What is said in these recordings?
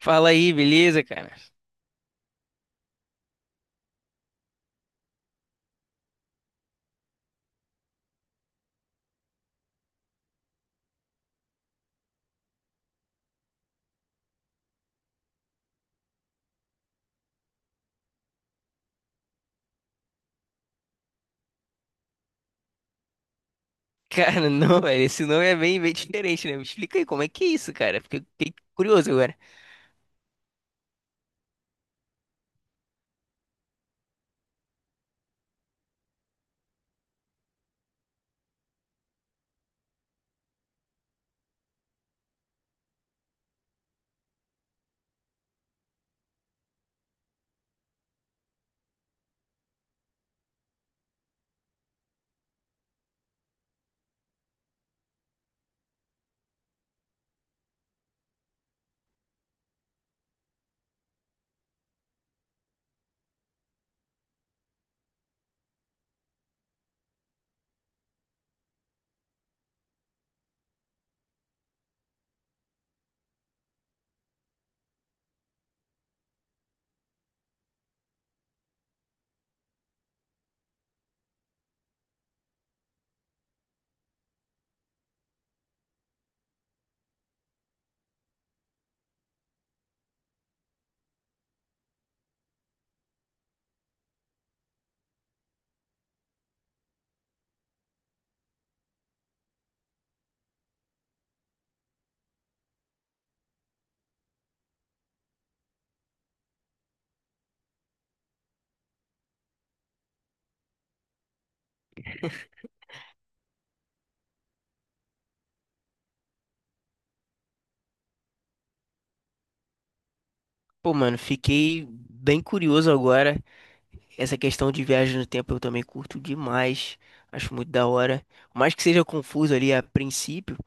Fala aí, beleza, cara? Cara, não, velho, esse nome é bem, bem diferente, né? Me explica aí como é que é isso, cara? Fiquei curioso agora. Pô, mano, fiquei bem curioso agora. Essa questão de viagem no tempo eu também curto demais. Acho muito da hora. Por mais que seja confuso ali a princípio.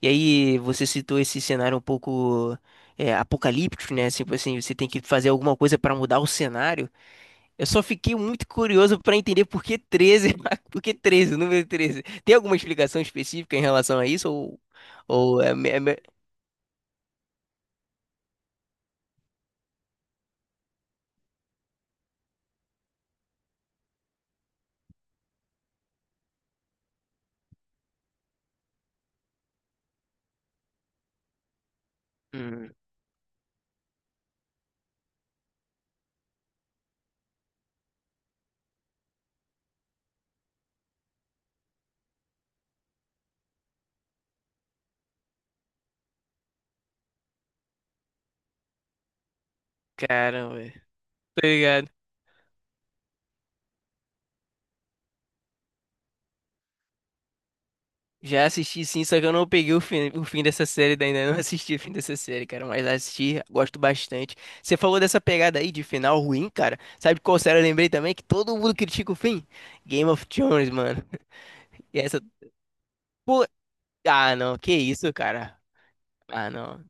E aí, você citou esse cenário um pouco apocalíptico, né? Assim, tipo assim, você tem que fazer alguma coisa pra mudar o cenário. Eu só fiquei muito curioso para entender por que 13, por que 13, o número 13. Tem alguma explicação específica em relação a isso? Ou, ou é, me- é, me- Hum, caramba, velho. Obrigado. Já assisti sim, só que eu não peguei o fim dessa série, daí ainda não assisti o fim dessa série, cara, mas assisti, gosto bastante. Você falou dessa pegada aí de final ruim, cara. Sabe qual série eu lembrei também? Que todo mundo critica o fim? Game of Thrones, mano. E essa. Pô, ah, não, que isso, cara. Ah, não.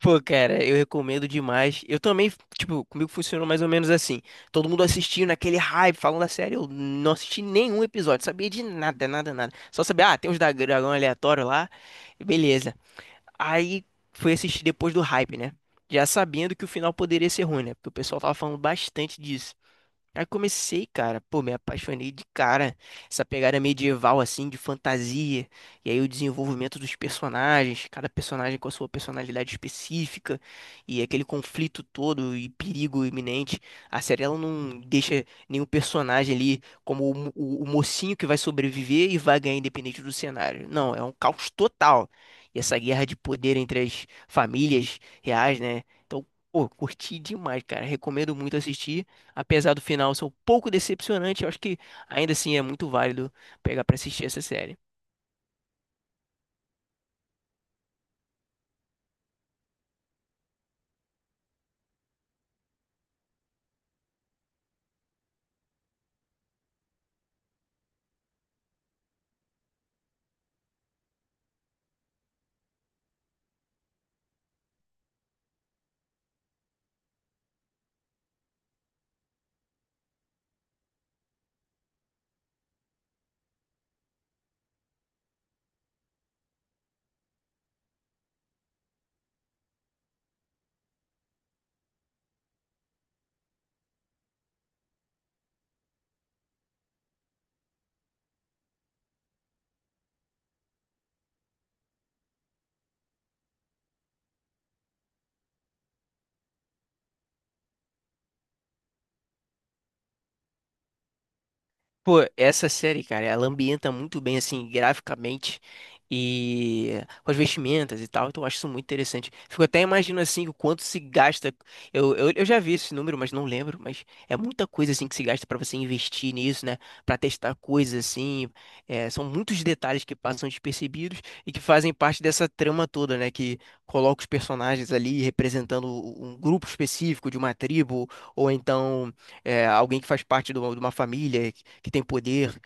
Pô, cara, eu recomendo demais. Eu também, tipo, comigo funcionou mais ou menos assim. Todo mundo assistindo naquele hype, falando da série. Eu não assisti nenhum episódio, sabia de nada, nada, nada. Só sabia, ah, tem uns dragão aleatório lá. Beleza. Aí fui assistir depois do hype, né? Já sabendo que o final poderia ser ruim, né? Porque o pessoal tava falando bastante disso. Aí comecei, cara, pô, me apaixonei de cara. Essa pegada medieval, assim, de fantasia. E aí o desenvolvimento dos personagens, cada personagem com a sua personalidade específica. E aquele conflito todo e perigo iminente. A série, ela não deixa nenhum personagem ali como o mocinho que vai sobreviver e vai ganhar independente do cenário. Não, é um caos total. E essa guerra de poder entre as famílias reais, né? Então, pô, curti demais, cara. Recomendo muito assistir apesar do final ser um pouco decepcionante, eu acho que ainda assim é muito válido pegar pra assistir essa série. Pô, essa série, cara, ela ambienta muito bem, assim, graficamente e com as vestimentas e tal, então eu acho isso muito interessante. Fico até imaginando, assim, o quanto se gasta. Eu já vi esse número, mas não lembro, mas é muita coisa, assim, que se gasta pra você investir nisso, né? Pra testar coisas, assim. São muitos detalhes que passam despercebidos e que fazem parte dessa trama toda, né? Que coloca os personagens ali representando um grupo específico de uma tribo ou então alguém que faz parte de uma família que tem poder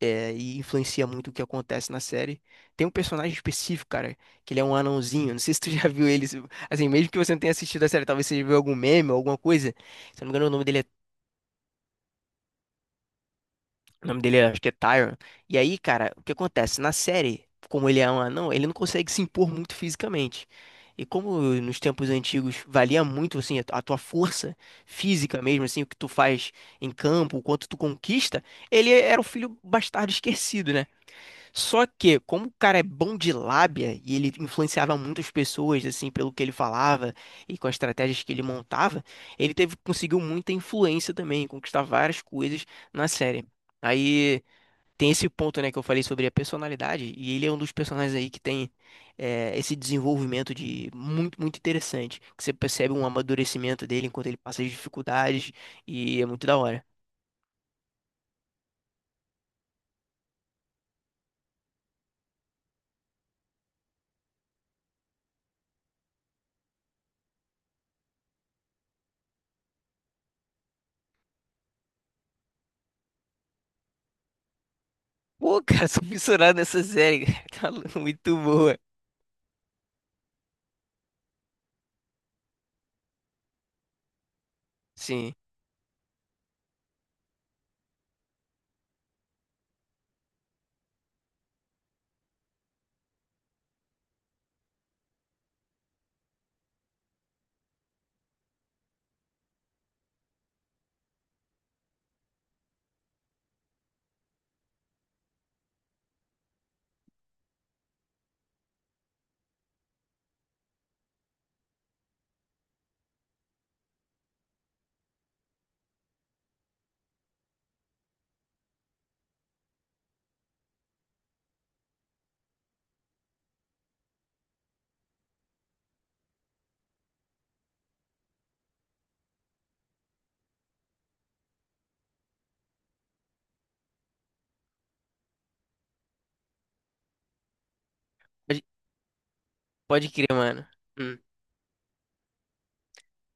e influencia muito o que acontece na série. Tem um personagem específico, cara, que ele é um anãozinho. Não sei se tu já viu ele. Assim, mesmo que você não tenha assistido a série, talvez você já viu algum meme ou alguma coisa. Se eu não me engano, o nome dele é O nome dele acho que é Tyron. E aí, cara, o que acontece? Na série, como ele é um anão, ele não consegue se impor muito fisicamente. E como nos tempos antigos valia muito assim a a tua força física mesmo, assim, o que tu faz em campo, o quanto tu conquista, ele era o filho bastardo esquecido, né? Só que, como o cara é bom de lábia e ele influenciava muitas pessoas, assim, pelo que ele falava e com as estratégias que ele montava, conseguiu muita influência também, conquistar várias coisas na série. Aí tem esse ponto, né, que eu falei sobre a personalidade, e ele é um dos personagens aí que tem esse desenvolvimento de muito, muito interessante, que você percebe um amadurecimento dele enquanto ele passa as dificuldades, e é muito da hora. Pô, cara, sou fissurado nessa série, cara, tá muito boa. Sim. Pode crer, mano. Hum.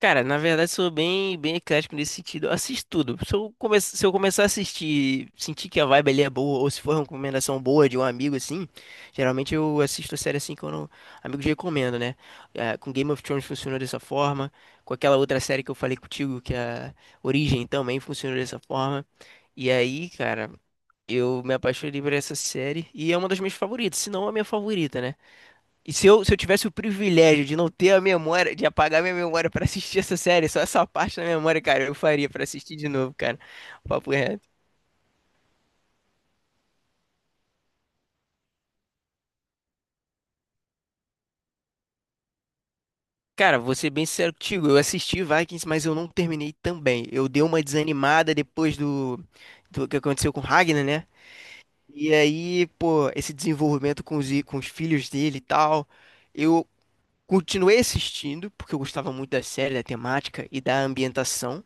Cara, na verdade sou bem, bem eclético nesse sentido. Eu assisto tudo. Se eu começar a assistir, sentir que a vibe ali é boa, ou se for uma recomendação boa de um amigo assim, geralmente eu assisto a série assim que eu não... amigos recomendo, né? É, com Game of Thrones funcionou dessa forma, com aquela outra série que eu falei contigo, que é a Origem também funcionou dessa forma. E aí, cara, eu me apaixonei por essa série e é uma das minhas favoritas, se não a minha favorita, né? E se eu tivesse o privilégio de não ter a memória, de apagar minha memória pra assistir essa série, só essa parte da memória, cara, eu faria pra assistir de novo, cara. Papo reto. Cara, vou ser bem sincero contigo, eu assisti Vikings, mas eu não terminei também. Eu dei uma desanimada depois do que aconteceu com Ragnar, né? E aí, pô, esse desenvolvimento com os, com os filhos dele e tal. Eu continuei assistindo, porque eu gostava muito da série, da temática e da ambientação.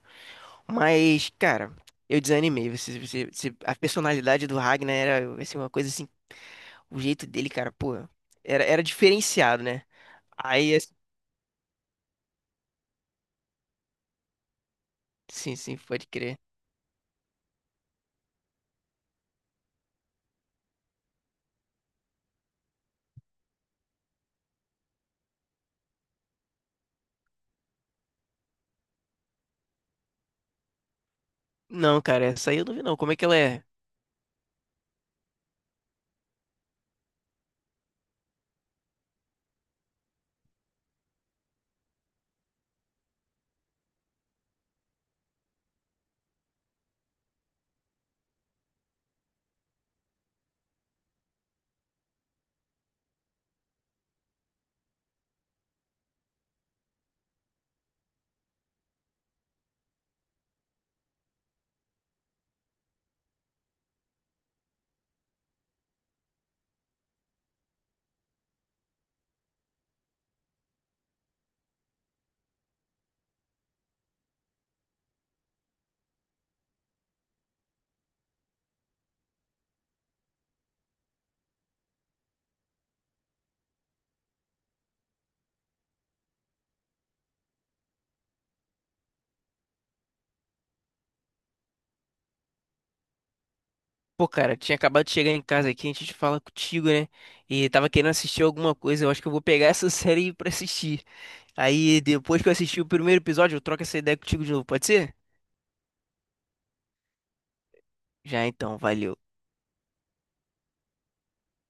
Mas, cara, eu desanimei. A personalidade do Ragnar era assim, uma coisa assim, o jeito dele, cara, pô, era diferenciado, né? Aí, assim, sim, sim, pode crer. Não, cara, essa aí eu não vi não. Como é que ela é? Pô, cara, tinha acabado de chegar em casa aqui, a gente fala contigo, né? E tava querendo assistir alguma coisa, eu acho que eu vou pegar essa série pra assistir. Aí, depois que eu assistir o primeiro episódio, eu troco essa ideia contigo de novo, pode ser? Já então, valeu.